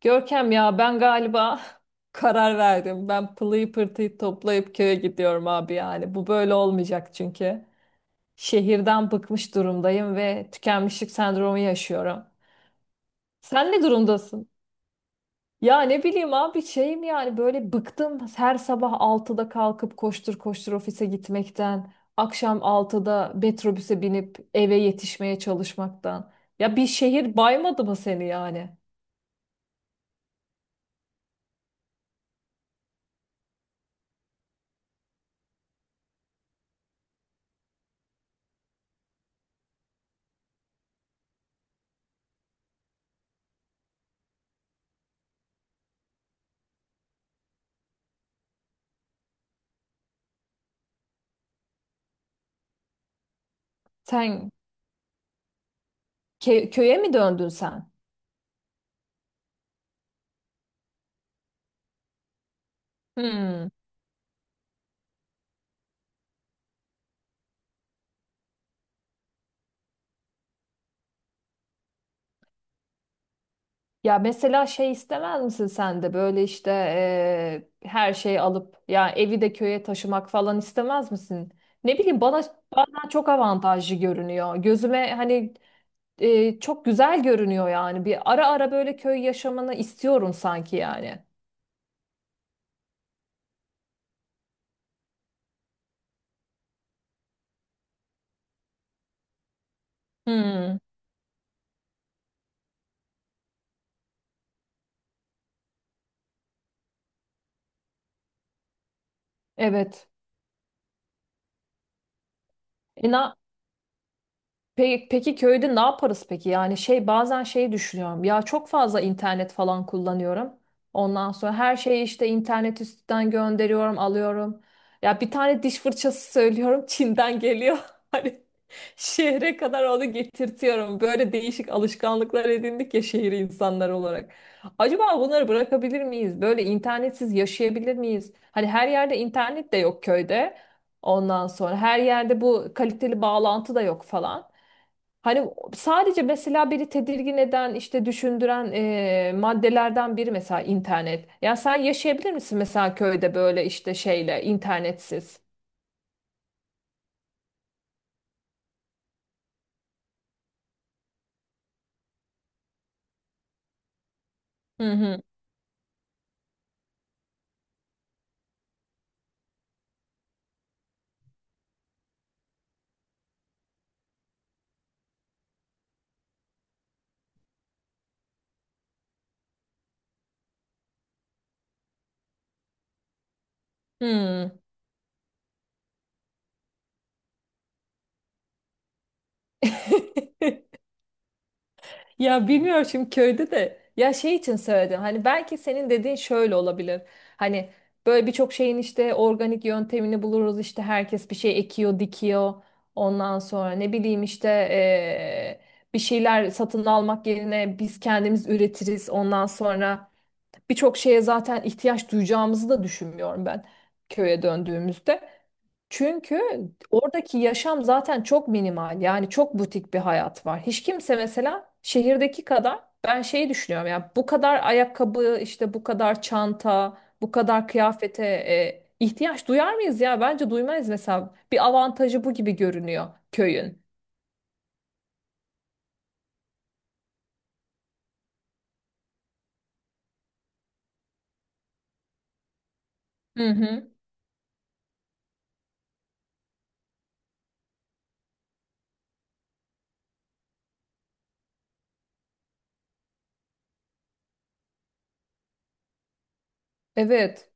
Görkem ya ben galiba karar verdim. Ben pılıyı pırtıyı toplayıp köye gidiyorum abi yani. Bu böyle olmayacak çünkü. Şehirden bıkmış durumdayım ve tükenmişlik sendromu yaşıyorum. Sen ne durumdasın? Ya ne bileyim abi şeyim yani böyle bıktım her sabah altıda kalkıp koştur koştur ofise gitmekten. Akşam altıda metrobüse binip eve yetişmeye çalışmaktan. Ya bir şehir baymadı mı seni yani? Sen köye mi döndün sen? Hmm. Ya mesela şey istemez misin sen de böyle işte her şeyi alıp ya evi de köye taşımak falan istemez misin? Ne bileyim bana bazen çok avantajlı görünüyor. Gözüme hani çok güzel görünüyor yani. Bir ara ara böyle köy yaşamını istiyorum sanki yani. Hmm, evet. E, na- Peki, peki köyde ne yaparız peki? Yani şey bazen şeyi düşünüyorum. Ya çok fazla internet falan kullanıyorum. Ondan sonra her şeyi işte internet üstünden gönderiyorum, alıyorum. Ya bir tane diş fırçası söylüyorum, Çin'den geliyor. Hani şehre kadar onu getirtiyorum. Böyle değişik alışkanlıklar edindik ya şehir insanları olarak. Acaba bunları bırakabilir miyiz? Böyle internetsiz yaşayabilir miyiz? Hani her yerde internet de yok köyde. Ondan sonra her yerde bu kaliteli bağlantı da yok falan. Hani sadece mesela biri tedirgin eden, işte düşündüren maddelerden biri mesela internet. Ya sen yaşayabilir misin mesela köyde böyle işte şeyle internetsiz? Hı hı. Hı. Ya bilmiyorum şimdi köyde de ya şey için söyledim hani belki senin dediğin şöyle olabilir hani böyle birçok şeyin işte organik yöntemini buluruz işte herkes bir şey ekiyor dikiyor ondan sonra ne bileyim işte bir şeyler satın almak yerine biz kendimiz üretiriz ondan sonra birçok şeye zaten ihtiyaç duyacağımızı da düşünmüyorum ben köye döndüğümüzde. Çünkü oradaki yaşam zaten çok minimal. Yani çok butik bir hayat var. Hiç kimse mesela şehirdeki kadar ben şeyi düşünüyorum ya bu kadar ayakkabı işte bu kadar çanta bu kadar kıyafete ihtiyaç duyar mıyız ya? Bence duymayız mesela. Bir avantajı bu gibi görünüyor köyün. Hı hı. Evet.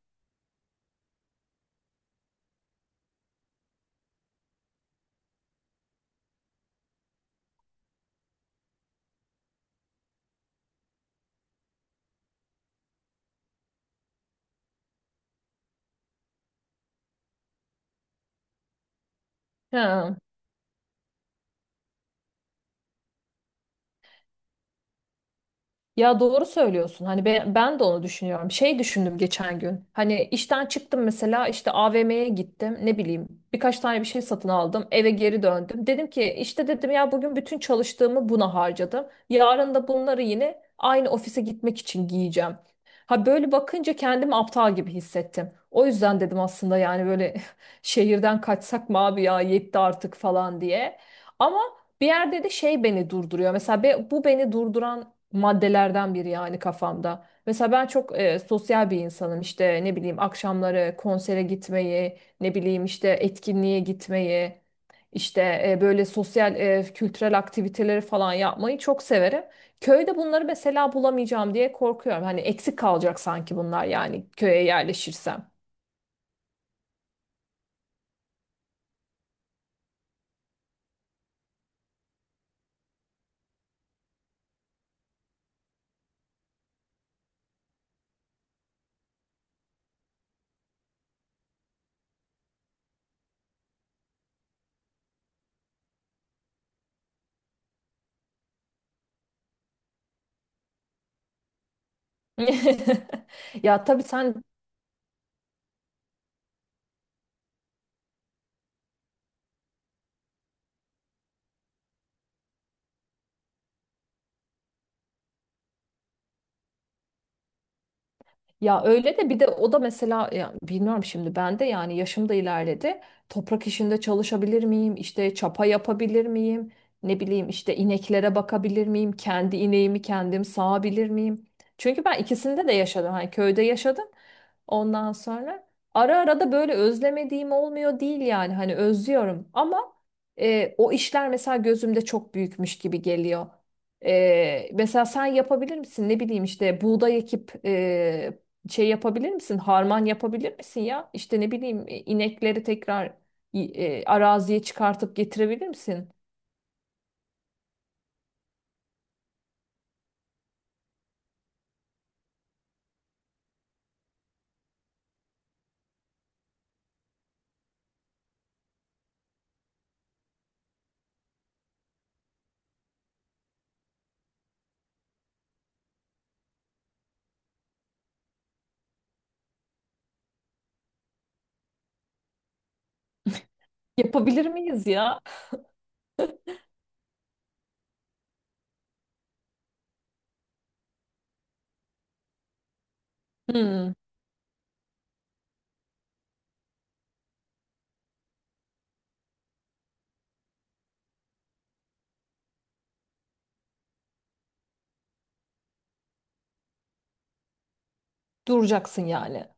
Ha. Ya doğru söylüyorsun. Hani ben, ben de onu düşünüyorum. Şey düşündüm geçen gün. Hani işten çıktım mesela işte AVM'ye gittim. Ne bileyim birkaç tane bir şey satın aldım. Eve geri döndüm. Dedim ki işte dedim ya bugün bütün çalıştığımı buna harcadım. Yarın da bunları yine aynı ofise gitmek için giyeceğim. Ha böyle bakınca kendimi aptal gibi hissettim. O yüzden dedim aslında yani böyle şehirden kaçsak mı abi ya yetti artık falan diye. Ama bir yerde de şey beni durduruyor. Mesela bu beni durduran maddelerden biri yani kafamda. Mesela ben çok sosyal bir insanım. İşte ne bileyim akşamları konsere gitmeyi, ne bileyim işte etkinliğe gitmeyi, işte böyle sosyal kültürel aktiviteleri falan yapmayı çok severim. Köyde bunları mesela bulamayacağım diye korkuyorum. Hani eksik kalacak sanki bunlar yani köye yerleşirsem. Ya tabii sen Ya öyle de bir de o da mesela ya bilmiyorum şimdi ben de yani yaşım da ilerledi. Toprak işinde çalışabilir miyim? İşte çapa yapabilir miyim? Ne bileyim işte ineklere bakabilir miyim? Kendi ineğimi kendim sağabilir miyim? Çünkü ben ikisinde de yaşadım. Hani köyde yaşadım. Ondan sonra ara ara da böyle özlemediğim olmuyor değil yani. Hani özlüyorum ama o işler mesela gözümde çok büyükmüş gibi geliyor. Mesela sen yapabilir misin? Ne bileyim işte buğday ekip şey yapabilir misin? Harman yapabilir misin ya? İşte ne bileyim inekleri tekrar araziye çıkartıp getirebilir misin? Yapabilir miyiz ya? Hmm, duracaksın yani.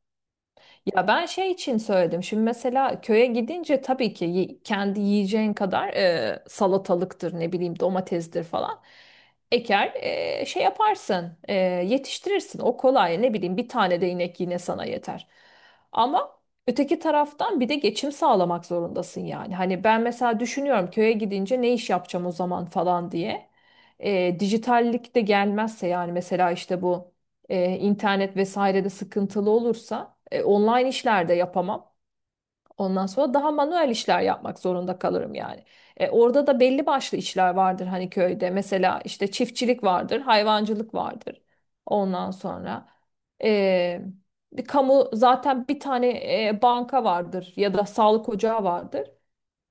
Ya ben şey için söyledim. Şimdi mesela köye gidince tabii ki kendi yiyeceğin kadar salatalıktır, ne bileyim domatesdir falan. Eker şey yaparsın, yetiştirirsin. O kolay. Ne bileyim bir tane de inek yine sana yeter. Ama öteki taraftan bir de geçim sağlamak zorundasın yani. Hani ben mesela düşünüyorum köye gidince ne iş yapacağım o zaman falan diye. Dijitallik de gelmezse yani mesela işte bu internet vesairede sıkıntılı olursa online işler de yapamam. Ondan sonra daha manuel işler yapmak zorunda kalırım yani. Orada da belli başlı işler vardır hani köyde. Mesela işte çiftçilik vardır, hayvancılık vardır. Ondan sonra e, bir kamu zaten bir tane banka vardır ya da sağlık ocağı vardır.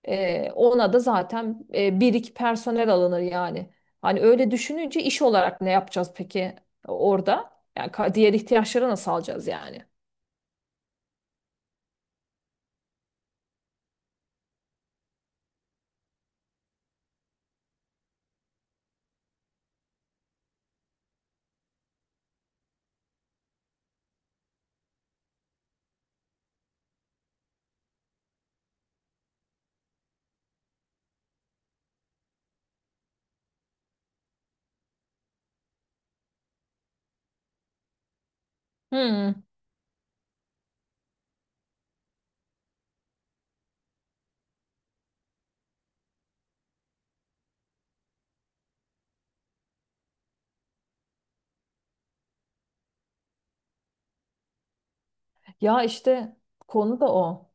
Ona da zaten bir iki personel alınır yani. Hani öyle düşününce iş olarak ne yapacağız peki orada? Yani diğer ihtiyaçları nasıl alacağız yani? Hmm. Ya işte konu da o.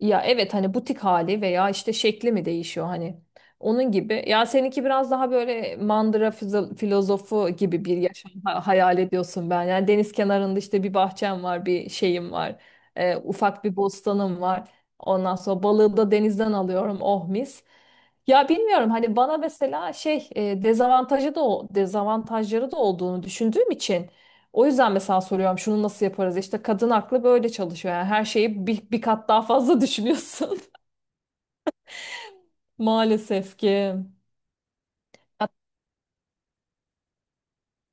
Ya evet hani butik hali veya işte şekli mi değişiyor hani onun gibi. Ya seninki biraz daha böyle mandıra filozofu gibi bir yaşam hayal ediyorsun ben. Yani deniz kenarında işte bir bahçem var, bir şeyim var, ufak bir bostanım var. Ondan sonra balığı da denizden alıyorum, oh mis. Ya bilmiyorum hani bana mesela şey dezavantajı da o dezavantajları da olduğunu düşündüğüm için. O yüzden mesela soruyorum şunu nasıl yaparız? İşte kadın aklı böyle çalışıyor. Yani her şeyi bir kat daha fazla düşünüyorsun. Maalesef ki.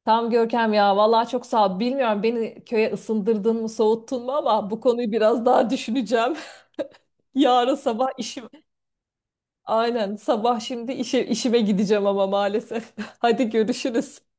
Tam Görkem ya vallahi çok sağ ol. Bilmiyorum beni köye ısındırdın mı soğuttun mu ama bu konuyu biraz daha düşüneceğim. Yarın sabah işim aynen sabah şimdi işime gideceğim ama maalesef. Hadi görüşürüz.